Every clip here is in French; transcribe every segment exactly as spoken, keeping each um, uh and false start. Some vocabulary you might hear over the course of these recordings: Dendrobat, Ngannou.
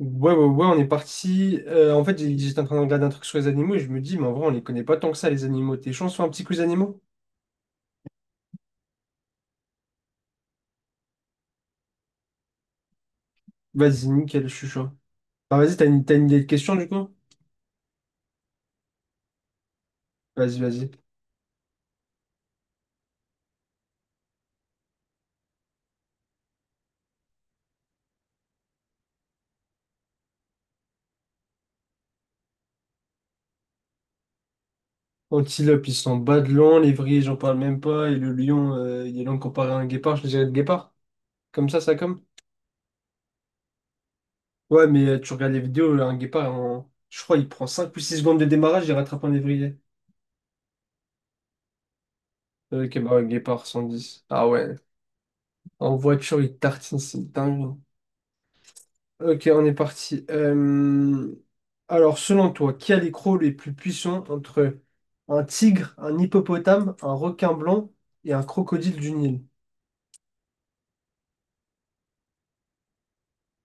Ouais, ouais, ouais, on est parti. Euh, en fait, j'ai- j'étais en train de regarder un truc sur les animaux et je me dis, mais en vrai, on les connaît pas tant que ça, les animaux. T'es chaud, on se fait un petit quiz animaux? Vas-y, nickel, je suis chaud. Ah, vas-y, t'as une, t'as une idée de question du coup? Vas-y, vas-y. Antilope, ils sont bas de long, l'évrier, j'en parle même pas, et le lion, euh, il est long comparé à un guépard, je dirais le guépard. Comme ça, ça comme? Ouais, mais euh, tu regardes les vidéos, un guépard, en- je crois, il prend cinq ou six secondes de démarrage, il rattrape un évrier. Ok, bah ouais, guépard, cent dix. Ah ouais, en voiture, il tartine, c'est dingue. Ok, on est parti. Euh, Alors, selon toi, qui a les crocs les plus puissants entre un tigre, un hippopotame, un requin blanc et un crocodile du Nil?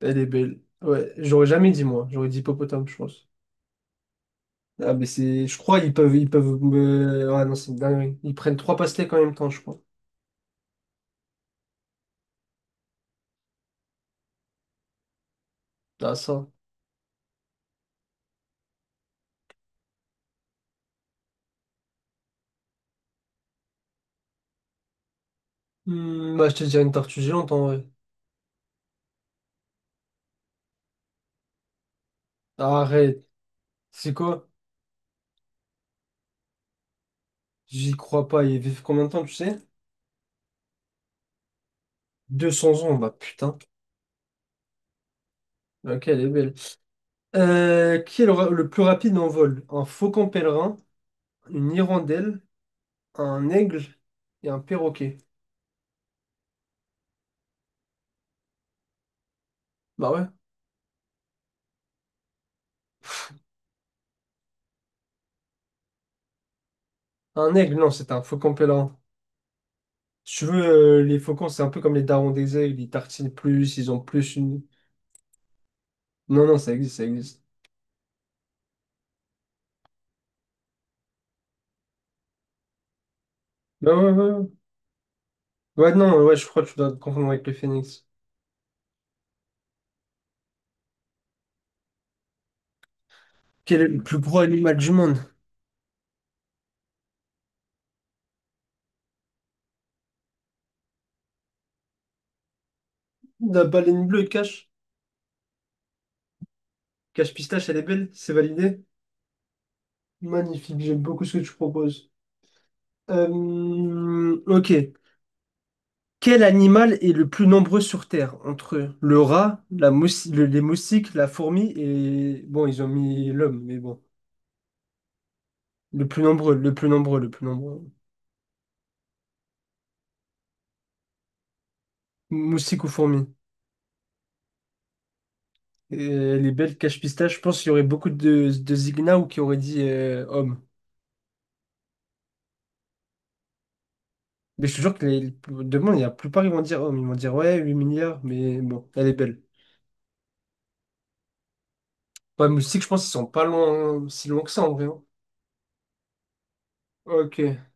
Elle est belle. Ouais, j'aurais jamais dit moi. J'aurais dit hippopotame, je pense. Ah, mais c'est. Je crois ils peuvent. Ils peuvent me. Ah non, c'est une dinguerie. Ils prennent trois pastèques en même temps, je crois. Ah, ça. Hmm, bah, je te dirais une tortue géante en vrai. Arrête. C'est quoi? J'y crois pas. Ils vivent combien de temps, tu sais? Deux cents ans, bah putain. Ok, elle est belle. Euh, qui est le, ra- le plus rapide en vol? Un faucon pèlerin, une hirondelle, un aigle et un perroquet. Bah ouais. Un aigle, non, c'est un faucon pèlerin. Si tu veux, euh, les faucons, c'est un peu comme les darons des aigles, ils tartinent plus, ils ont plus une... Non, non, ça existe, ça existe. Ouais, ouais, ouais. Ouais, ouais, non, ouais, je crois que tu dois te confondre avec le phénix. Quel est le plus gros animal du monde? La baleine bleue, cache. Cache pistache, elle est belle, c'est validé. Magnifique, j'aime beaucoup ce que tu proposes. Euh, ok. Quel animal est le plus nombreux sur Terre? Entre le rat, la moussi- le- les moustiques, la fourmi et... Bon, ils ont mis l'homme, mais bon. Le plus nombreux, le plus nombreux, le plus nombreux. Moustique ou fourmi? Et les belles cache-pistaches, je pense qu'il y aurait beaucoup de, de zignats ou qui auraient dit euh, homme. Mais je te jure que les, demain, il y a la plupart, ils vont dire homme. Ils vont dire, ouais, huit milliards, mais bon, elle est belle. Ouais, moustique, je pense qu'ils sont pas loin, si loin que ça, en vrai. Hein. Ok.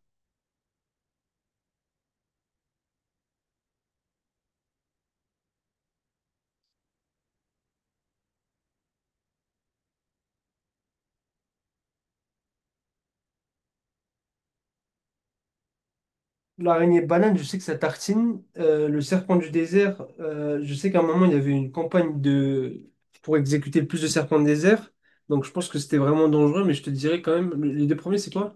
L'araignée banane, je sais que ça tartine. Euh, le serpent du désert, euh, je sais qu'à un moment, il y avait une campagne de... pour exécuter le plus de serpents de désert. Donc je pense que c'était vraiment dangereux, mais je te dirais quand même, le- les deux premiers, c'est quoi?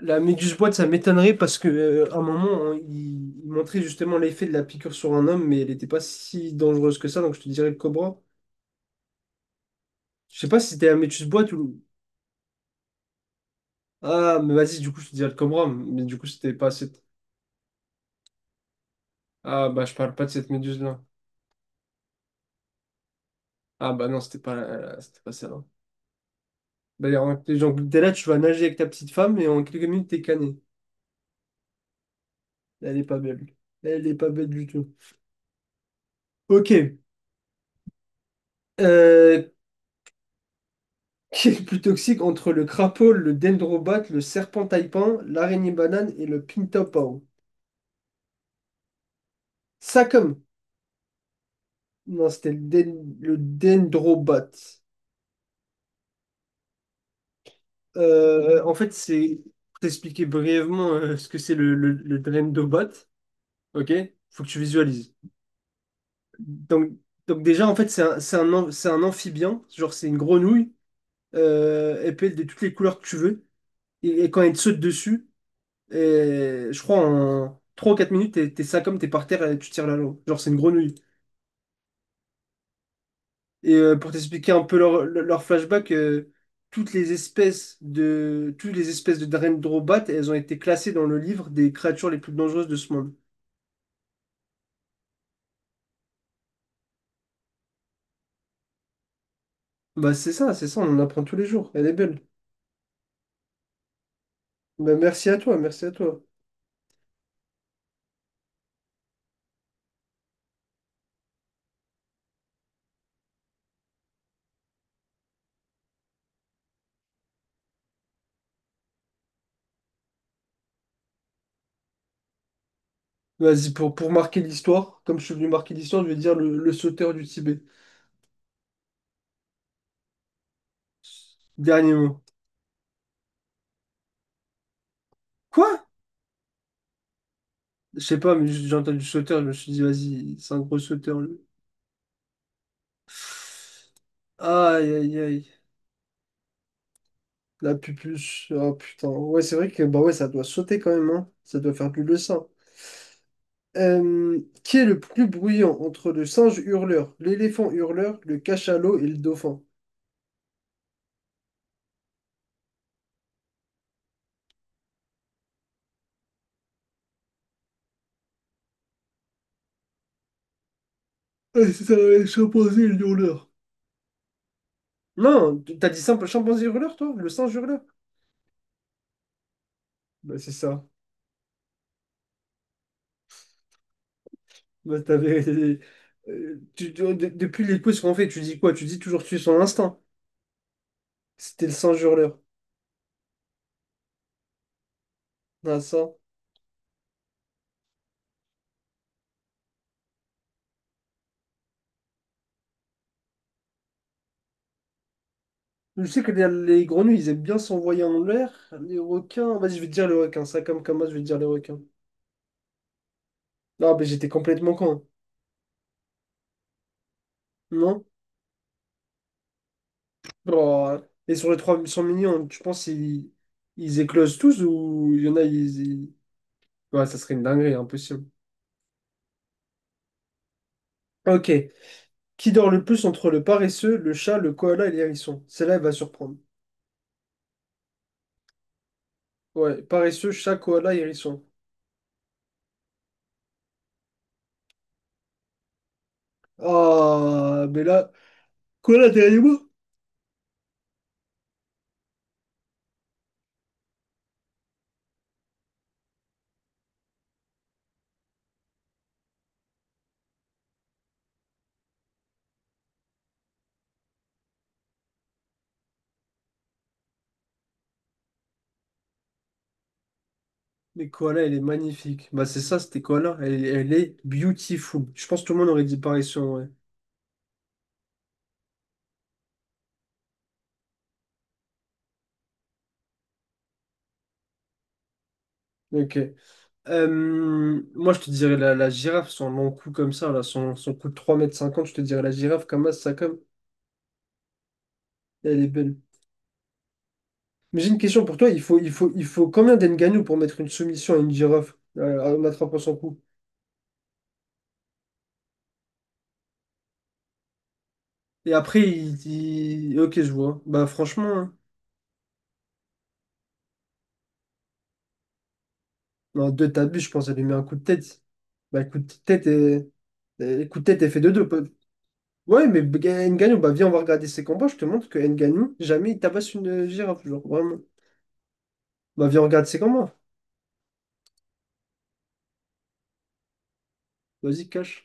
La méduse boîte, ça m'étonnerait parce que euh, à un moment, on- il, il montrait justement l'effet de la piqûre sur un homme, mais elle n'était pas si dangereuse que ça, donc je te dirais le cobra. Je sais pas si c'était la méduse boîte ou... Ah, mais vas-y, du coup, je te dirais le cobra, mais du coup, c'était pas cette... Ah, bah, je parle pas de cette méduse-là. Ah, bah non, c'était pas, la- c'était pas ça. Bah en- genre, t'es là, tu vas nager avec ta petite femme et en quelques minutes, t'es cané. Elle est pas belle. Elle est pas belle du tout. Ok. Euh, qui est le plus toxique entre le crapaud, le dendrobat, le serpent taipan, l'araignée banane et le pintopao? Ça comme. Non, c'était le, den- le dendrobat. Euh, en fait, c'est Pour t'expliquer brièvement euh, ce que c'est le, le, le dendrobat. Ok? Faut que tu visualises. Donc, donc déjà, en fait, c'est un, c'est un am- c'est un amphibien. Genre, c'est une grenouille euh, elle peut être de toutes les couleurs que tu veux. Et, et quand elle te saute dessus, et, je crois en trois ou quatre minutes, t'es t'es ça comme t'es par terre et tu tires la langue. Genre, c'est une grenouille. Et euh, pour t'expliquer un peu leur, leur flashback, euh, toutes les espèces de toutes les espèces de Dendrobat, elles ont été classées dans le livre des créatures les plus dangereuses de ce monde. Bah c'est ça, c'est ça, on en apprend tous les jours. Elle est belle. Bah, merci à toi, merci à toi. Vas-y, pour, pour marquer l'histoire, comme je suis venu marquer l'histoire, je vais dire le, le sauteur du Tibet. Dernier mot. Quoi? Je sais pas, mais j'ai entendu sauteur, je me suis dit, vas-y, c'est un gros sauteur. Lui. Aïe, aïe, aïe. La pupuche. Oh putain. Ouais, c'est vrai que bah ouais, ça doit sauter quand même, hein. Ça doit faire plus le sang. Euh, qui est le plus bruyant entre le singe hurleur, l'éléphant hurleur, le cachalot et le dauphin? Ah, c'est ça, le chimpanzé et le hurleur. Non, t'as dit simple chimpanzé hurleur, toi? Le singe hurleur? Bah c'est ça. Bah t'avais. euh, tu- tu- de- depuis les quiz qu'on fait, tu dis quoi? Tu dis toujours tuer son instinct. C'était le singe hurleur. Ah, ça. Je sais que les, les grenouilles, ils aiment bien s'envoyer en l'air. Les requins. Vas-y, je vais te dire les requins. Ça, comme comme moi, je vais te dire les requins. Non, mais j'étais complètement con. Non? Oh. Et sur les trois cents millions, tu penses ils, ils éclosent tous ou il y en a, ils... ils- Ouais, ça serait une dinguerie, impossible. Ok. Qui dort le plus entre le paresseux, le chat, le koala et l'hérisson? Celle-là, elle va surprendre. Ouais, paresseux, chat, koala, hérisson. Ah, mais là, koala derrière moi? Mais Koala, elle est magnifique. Bah, c'est ça, c'était Koala. Elle, elle est beautiful. Je pense que tout le monde aurait dit pareil sur ouais. Ok. Euh, moi, je te dirais la, la girafe, son long cou comme ça, là, son, son cou de trois mètres cinquante, je te dirais la girafe comme ça, comme. Elle est belle. Mais j'ai une question pour toi. Il faut, il faut, il faut combien d'engagnou pour mettre une soumission à une girafe euh, en attrapant son cou? Et après, il dit. Ok, je vois. Bah, franchement, hein. Non, deux tabus, je pense, elle lui met un coup de tête. Bah, coup de tête et. Euh, Coup de tête est fait deux deux. Ouais, mais Ga- Ngannou, bah viens, on va regarder ses combats. Je te montre que Ngannou, jamais il tabasse une euh, girafe, genre vraiment. Bah viens, regarde ses combats. Vas-y, cache.